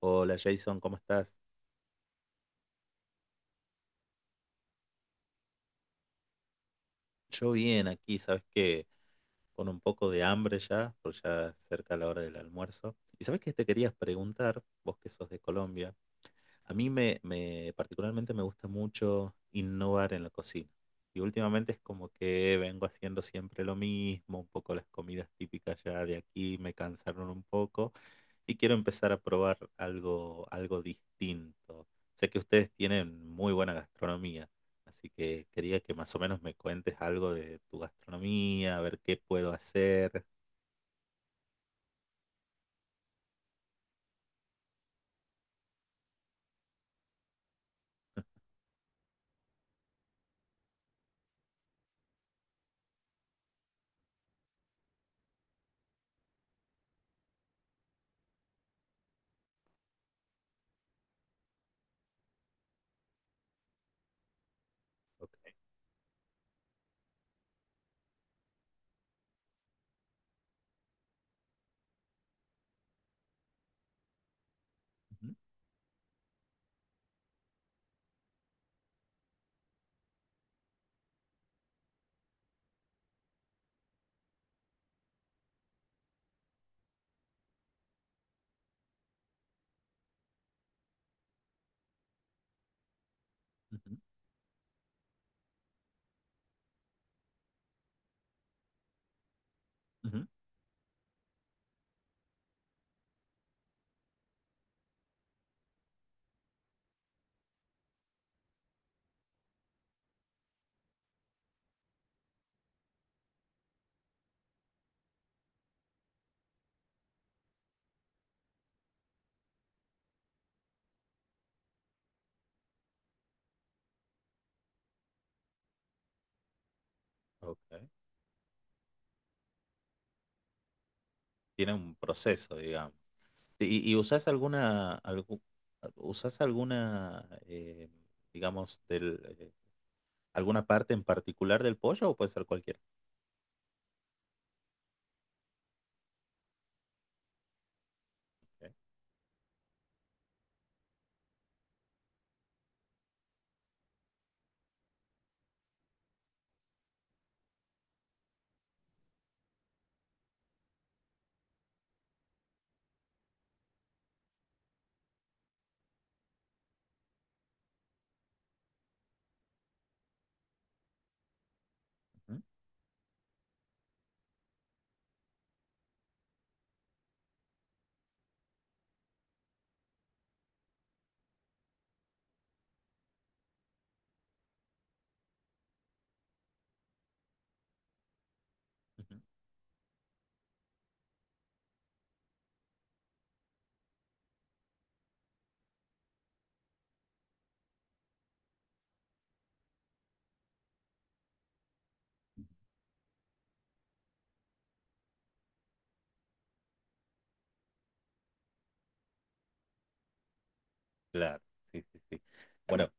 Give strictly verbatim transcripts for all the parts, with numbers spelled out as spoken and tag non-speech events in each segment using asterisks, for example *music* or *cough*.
Hola Jason, ¿cómo estás? Yo bien aquí, sabes que con un poco de hambre ya, porque ya es cerca la hora del almuerzo. Y sabes que te querías preguntar, vos que sos de Colombia. A mí me, me- particularmente me gusta mucho innovar en la cocina. Y últimamente es como que vengo haciendo siempre lo mismo, un poco las comidas típicas ya de aquí me cansaron un poco y quiero empezar a probar algo, algo distinto. Sé que ustedes tienen muy buena gastronomía, así que quería que más o menos me cuentes algo de tu gastronomía, a ver qué puedo hacer. Ok. Ujú, ujú, ujú. Ok. Tiene un proceso, digamos. ¿Y, y usás alguna, algu- usás alguna, eh, digamos, del, eh, alguna parte en particular del pollo o puede ser cualquiera? Ok, ujú, ujú. Claro, sí, sí, sí. Bueno,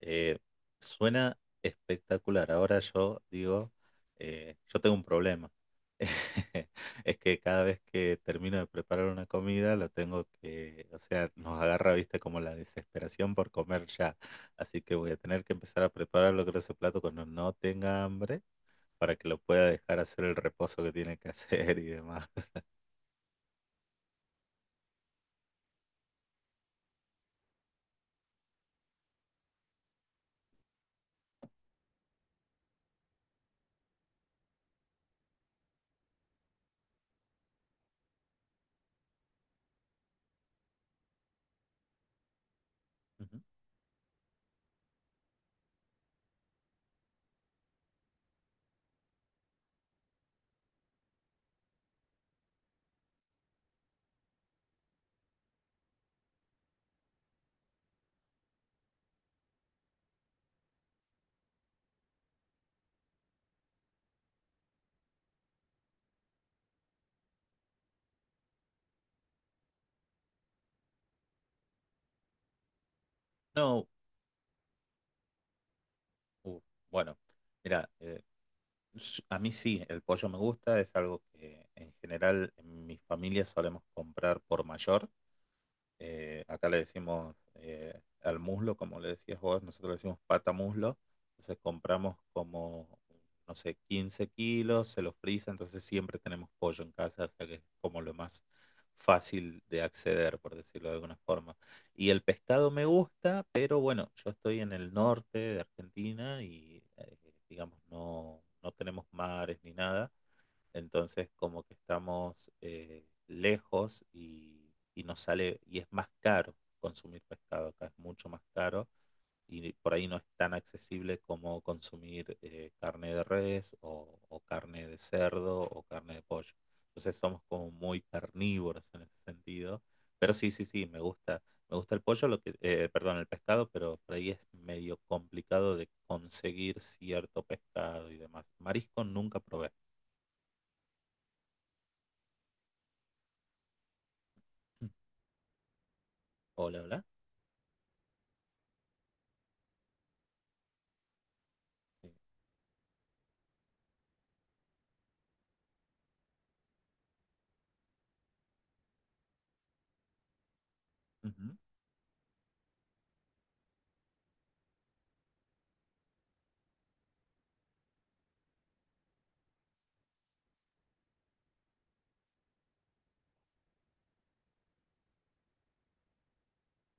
eh, suena espectacular. Ahora yo digo, eh, yo tengo un problema. *laughs* Es que cada vez que termino de preparar una comida, lo tengo que, o sea, nos agarra, viste, como la desesperación por comer ya. Así que voy a tener que empezar a preparar lo que ese plato cuando no tenga hambre, para que lo pueda dejar hacer el reposo que tiene que *laughs* hacer y demás. Ujú. No, uh, bueno, mira, s- a mí sí, el pollo me gusta, es algo que en general en mi familia solemos comprar por mayor, eh, acá le decimos, eh, al muslo, como le decías vos, nosotros le decimos pata muslo. Entonces compramos como, no sé, quince kilos, se los frisa, entonces siempre tenemos pollo en casa, o sea que es como lo más fácil de acceder, por decirlo de alguna forma. Y el pescado me gusta, pero bueno, yo estoy en el norte de Argentina y, eh, digamos no, no tenemos mares ni nada. Entonces, como que estamos, eh, lejos y, y nos sale, y es más caro consumir pescado acá, es mucho más caro y por ahí no es tan accesible como consumir, eh, carne de res o, o carne de cerdo o carne de pollo. Entonces somos como muy carnívoros en ese sentido. Pero sí, sí, sí, me gusta, me gusta el pollo, lo que, eh, perdón, el pescado, pero por ahí es medio complicado de conseguir cierto pescado y demás. Marisco nunca probé. Hola, hola. Sí. Ujú,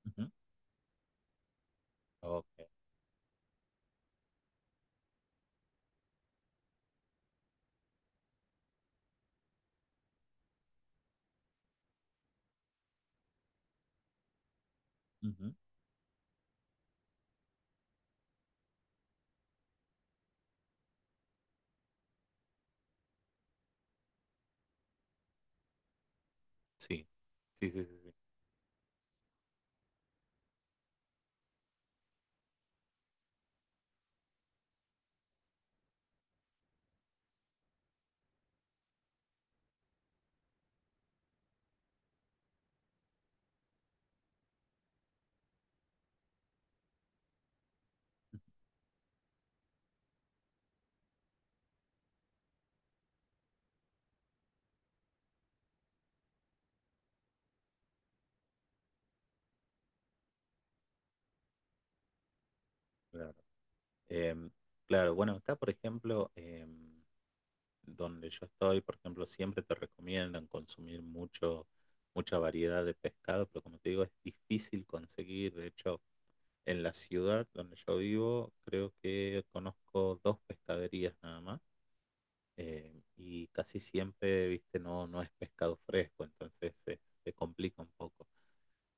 ujú. Ok. Ujú. Sí. Sí, sí, sí, sí. Claro. Em, claro, bueno, acá, por ejemplo, em, donde yo estoy, por ejemplo, siempre te recomiendan consumir mucho, mucha variedad de pescado, pero como te digo, es difícil conseguir. De hecho, en la ciudad donde yo vivo, creo que conozco dos pescaderías nada más. Em, y casi siempre, viste, no, no es pescado fresco, entonces se, se complica un poco.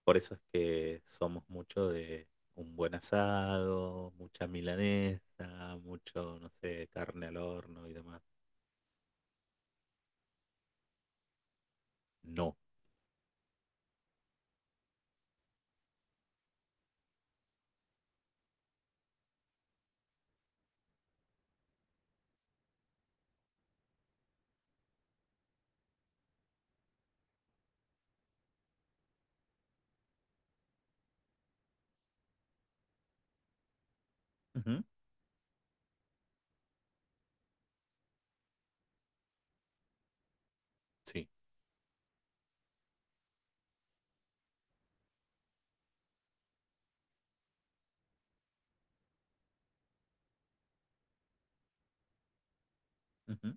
Por eso es que somos mucho de un buen asado, mucha milanesa, mucho, no sé, carne al horno y demás. No. Ujú. Sí. Ujú.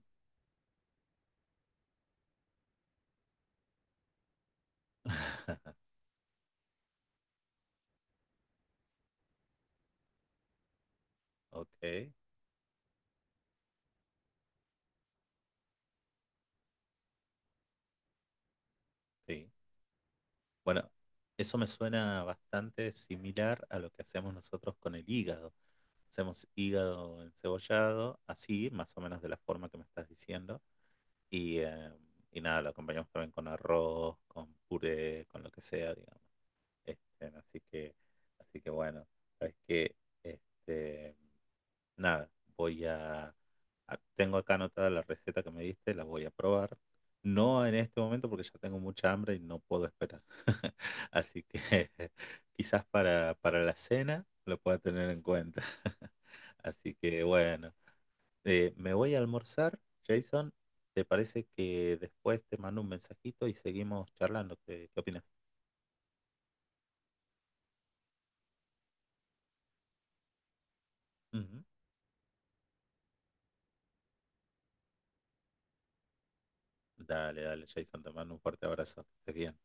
*laughs* Ok, sí. Bueno, eso me suena bastante similar a lo que hacemos nosotros con el hígado. Hacemos hígado encebollado, así, más o menos de la forma que me estás diciendo. Y, eh, y nada, lo acompañamos también con arroz, con puré, con lo que sea, digamos. Este, así que, así que bueno, sabes que este, nada, voy a, a- tengo acá anotada la receta que me diste, la voy a probar. No en este momento porque ya tengo mucha hambre y no puedo esperar. *laughs* Así que *laughs* quizás para, para la cena lo pueda tener en cuenta. *laughs* Así que bueno, eh, me voy a almorzar, Jason. ¿Te parece que después te mando un mensajito y seguimos charlando? ¿Qué, qué opinas? Ujú. Dale, dale, Jason, te mando un fuerte abrazo. Que estés bien.